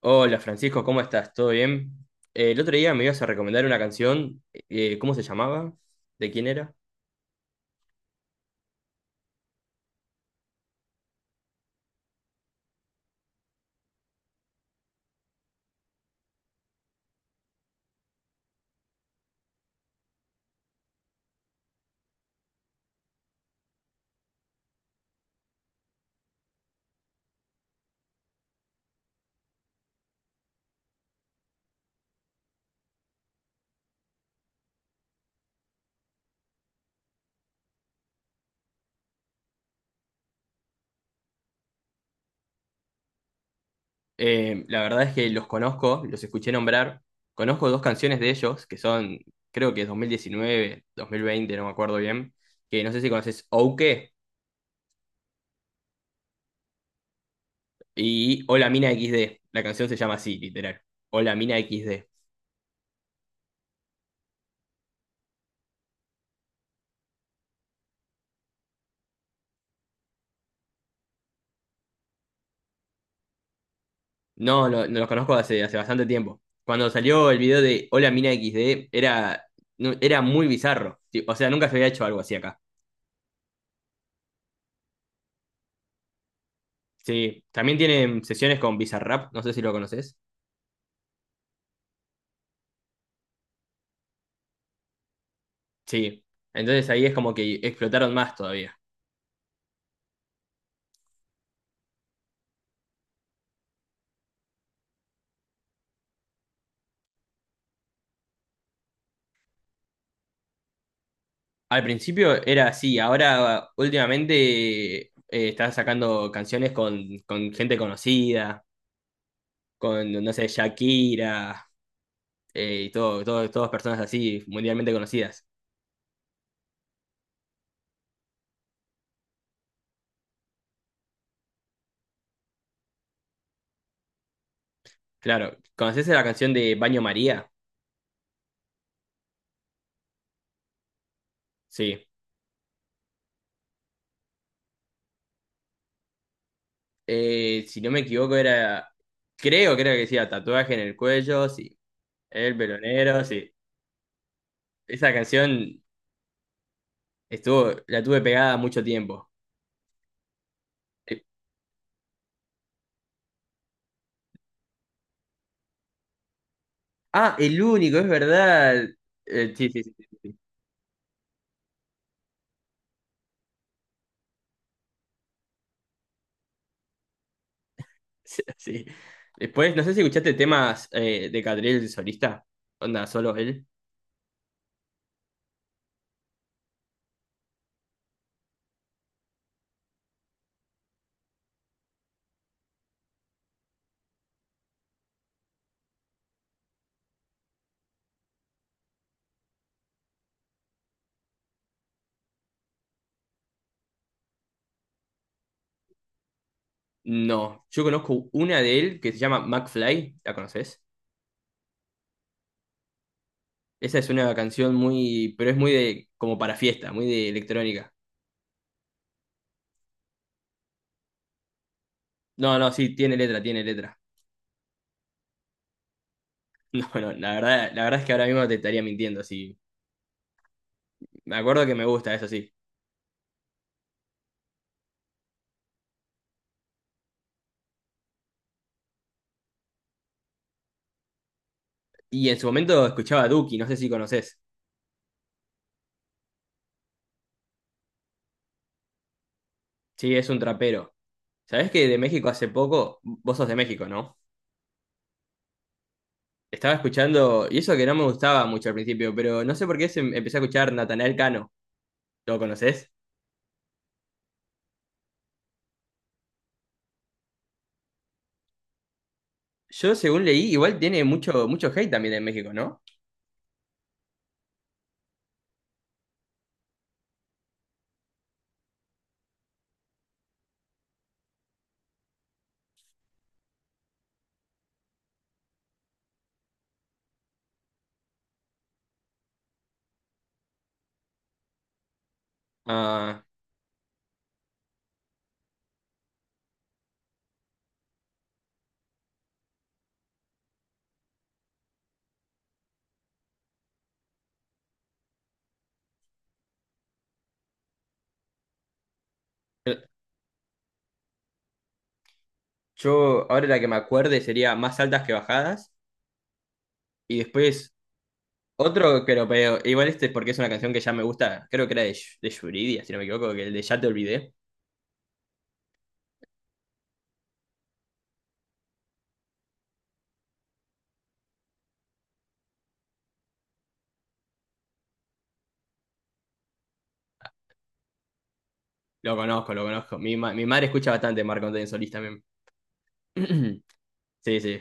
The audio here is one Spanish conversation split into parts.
Hola Francisco, ¿cómo estás? ¿Todo bien? El otro día me ibas a recomendar una canción, ¿cómo se llamaba? ¿De quién era? La verdad es que los conozco, los escuché nombrar. Conozco dos canciones de ellos, que son, creo que es 2019, 2020, no me acuerdo bien, que no sé si conoces Ouke y Hola Mina XD. La canción se llama así, literal. Hola Mina XD. No, no, no los conozco hace, bastante tiempo. Cuando salió el video de Hola Mina XD, era, era muy bizarro. Sí, o sea, nunca se había hecho algo así acá. Sí, también tienen sesiones con Bizarrap, no sé si lo conoces. Sí, entonces ahí es como que explotaron más todavía. Al principio era así, ahora últimamente está sacando canciones con gente conocida, con, no sé, Shakira, y todas personas así, mundialmente conocidas. Claro, ¿conoces la canción de Baño María? Sí. Si no me equivoco era, creo que decía tatuaje en el cuello, sí. El pelo negro, sí. Esa canción estuvo, la tuve pegada mucho tiempo. Eh, el único, es verdad. Sí, sí, sí, sí, sí. Sí. Después, no sé si escuchaste temas de Catriel el solista. Onda, solo él. No, yo conozco una de él que se llama McFly, ¿la conoces? Esa es una canción muy, pero es muy de, como para fiesta, muy de electrónica. No, no, sí, tiene letra, tiene letra. No, no, la verdad, es que ahora mismo te estaría mintiendo, sí. Me acuerdo que me gusta, eso sí. Y en su momento escuchaba a Duki, no sé si conoces. Sí, es un trapero. ¿Sabés que de México hace poco? Vos sos de México, ¿no? Estaba escuchando, y eso que no me gustaba mucho al principio, pero no sé por qué empecé a escuchar Natanael Cano. ¿Lo conocés? Yo, según leí, igual tiene mucho, mucho hate también en México, ¿no? Ah, yo, ahora la que me acuerde sería Más altas que bajadas. Y después, otro que lo veo, igual este es porque es una canción que ya me gusta, creo que era de, de Yuridia, si no me equivoco, que el de Ya te olvidé. Lo conozco, lo conozco. Mi madre escucha bastante Marco Antonio Solís también. Sí, sí.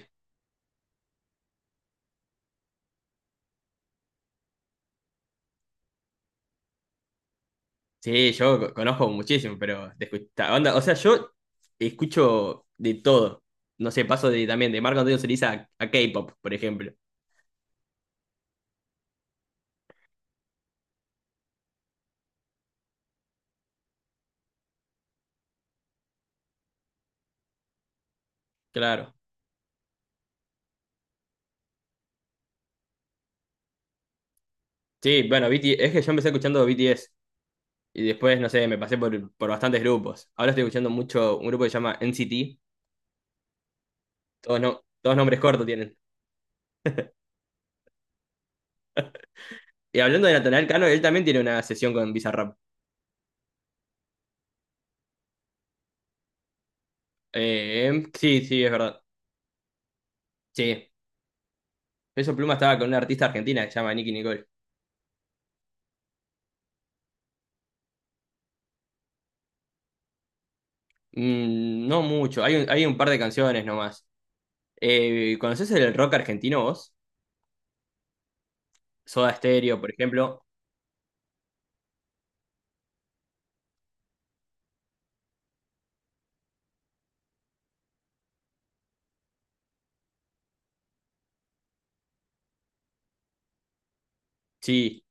Sí, yo conozco muchísimo, pero de onda, o sea, yo escucho de todo. No sé, paso de también de Marco Antonio Solís a, K-pop, por ejemplo. Claro. Sí, bueno, BT es que yo empecé escuchando BTS y después, no sé, me pasé por, bastantes grupos. Ahora estoy escuchando mucho un grupo que se llama NCT. Todos, no, todos nombres cortos tienen. Y hablando de Natanael Cano, él también tiene una sesión con Bizarrap. Sí, sí, es verdad. Sí. Peso Pluma estaba con una artista argentina que se llama Nicki Nicole. No mucho, hay un par de canciones nomás. ¿Conocés el rock argentino vos? Soda Stereo, por ejemplo. Sí.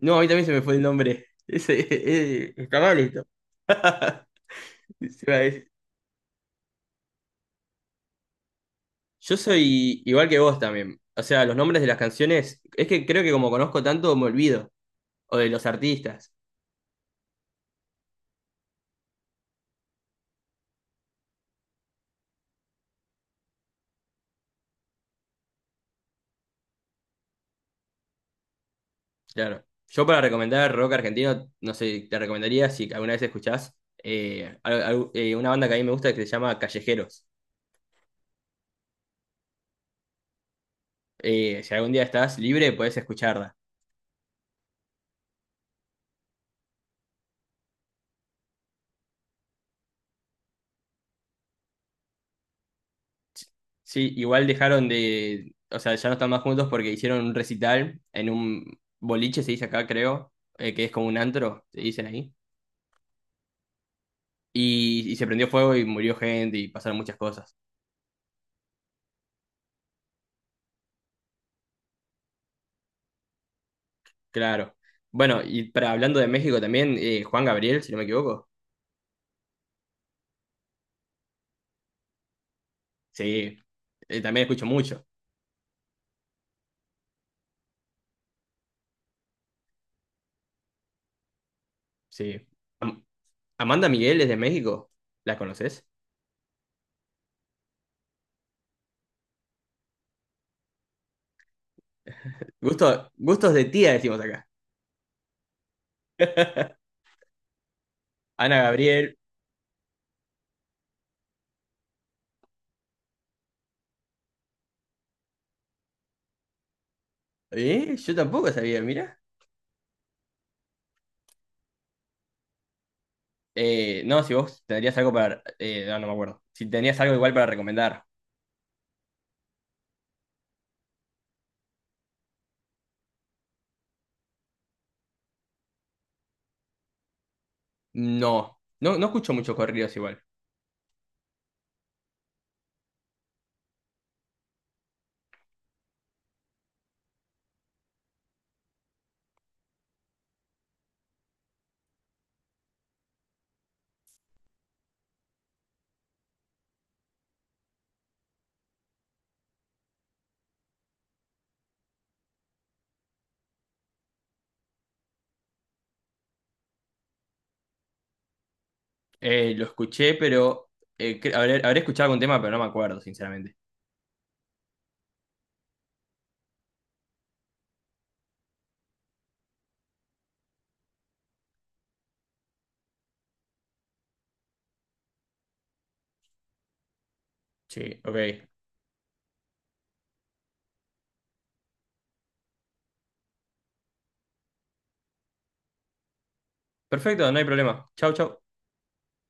No, a mí también se me fue el nombre. Ese, está mal esto. Se me va a decir. Yo soy igual que vos también. O sea, los nombres de las canciones, es que creo que como conozco tanto, me olvido. O de los artistas. Claro. Yo para recomendar rock argentino, no sé, te recomendaría si alguna vez escuchás una banda que a mí me gusta que se llama Callejeros. Si algún día estás libre, podés escucharla. Sí, igual dejaron de, o sea, ya no están más juntos porque hicieron un recital en un boliche, se dice acá, creo, que es como un antro, se dicen ahí. Y se prendió fuego y murió gente y pasaron muchas cosas. Claro. Bueno, y para hablando de México también, Juan Gabriel, si no me equivoco. Sí, también escucho mucho. Sí. Am- Amanda Miguel es de México. ¿La conoces? Gusto, gustos de tía, decimos acá. Ana Gabriel. ¿Eh? Yo tampoco sabía, mira. No, si vos tendrías algo para, no, no me acuerdo. Si tenías algo igual para recomendar. No, no, no escucho muchos corridos igual. Lo escuché, pero habré, escuchado algún tema, pero no me acuerdo, sinceramente. Sí, ok. Perfecto, no hay problema. Chau, chau.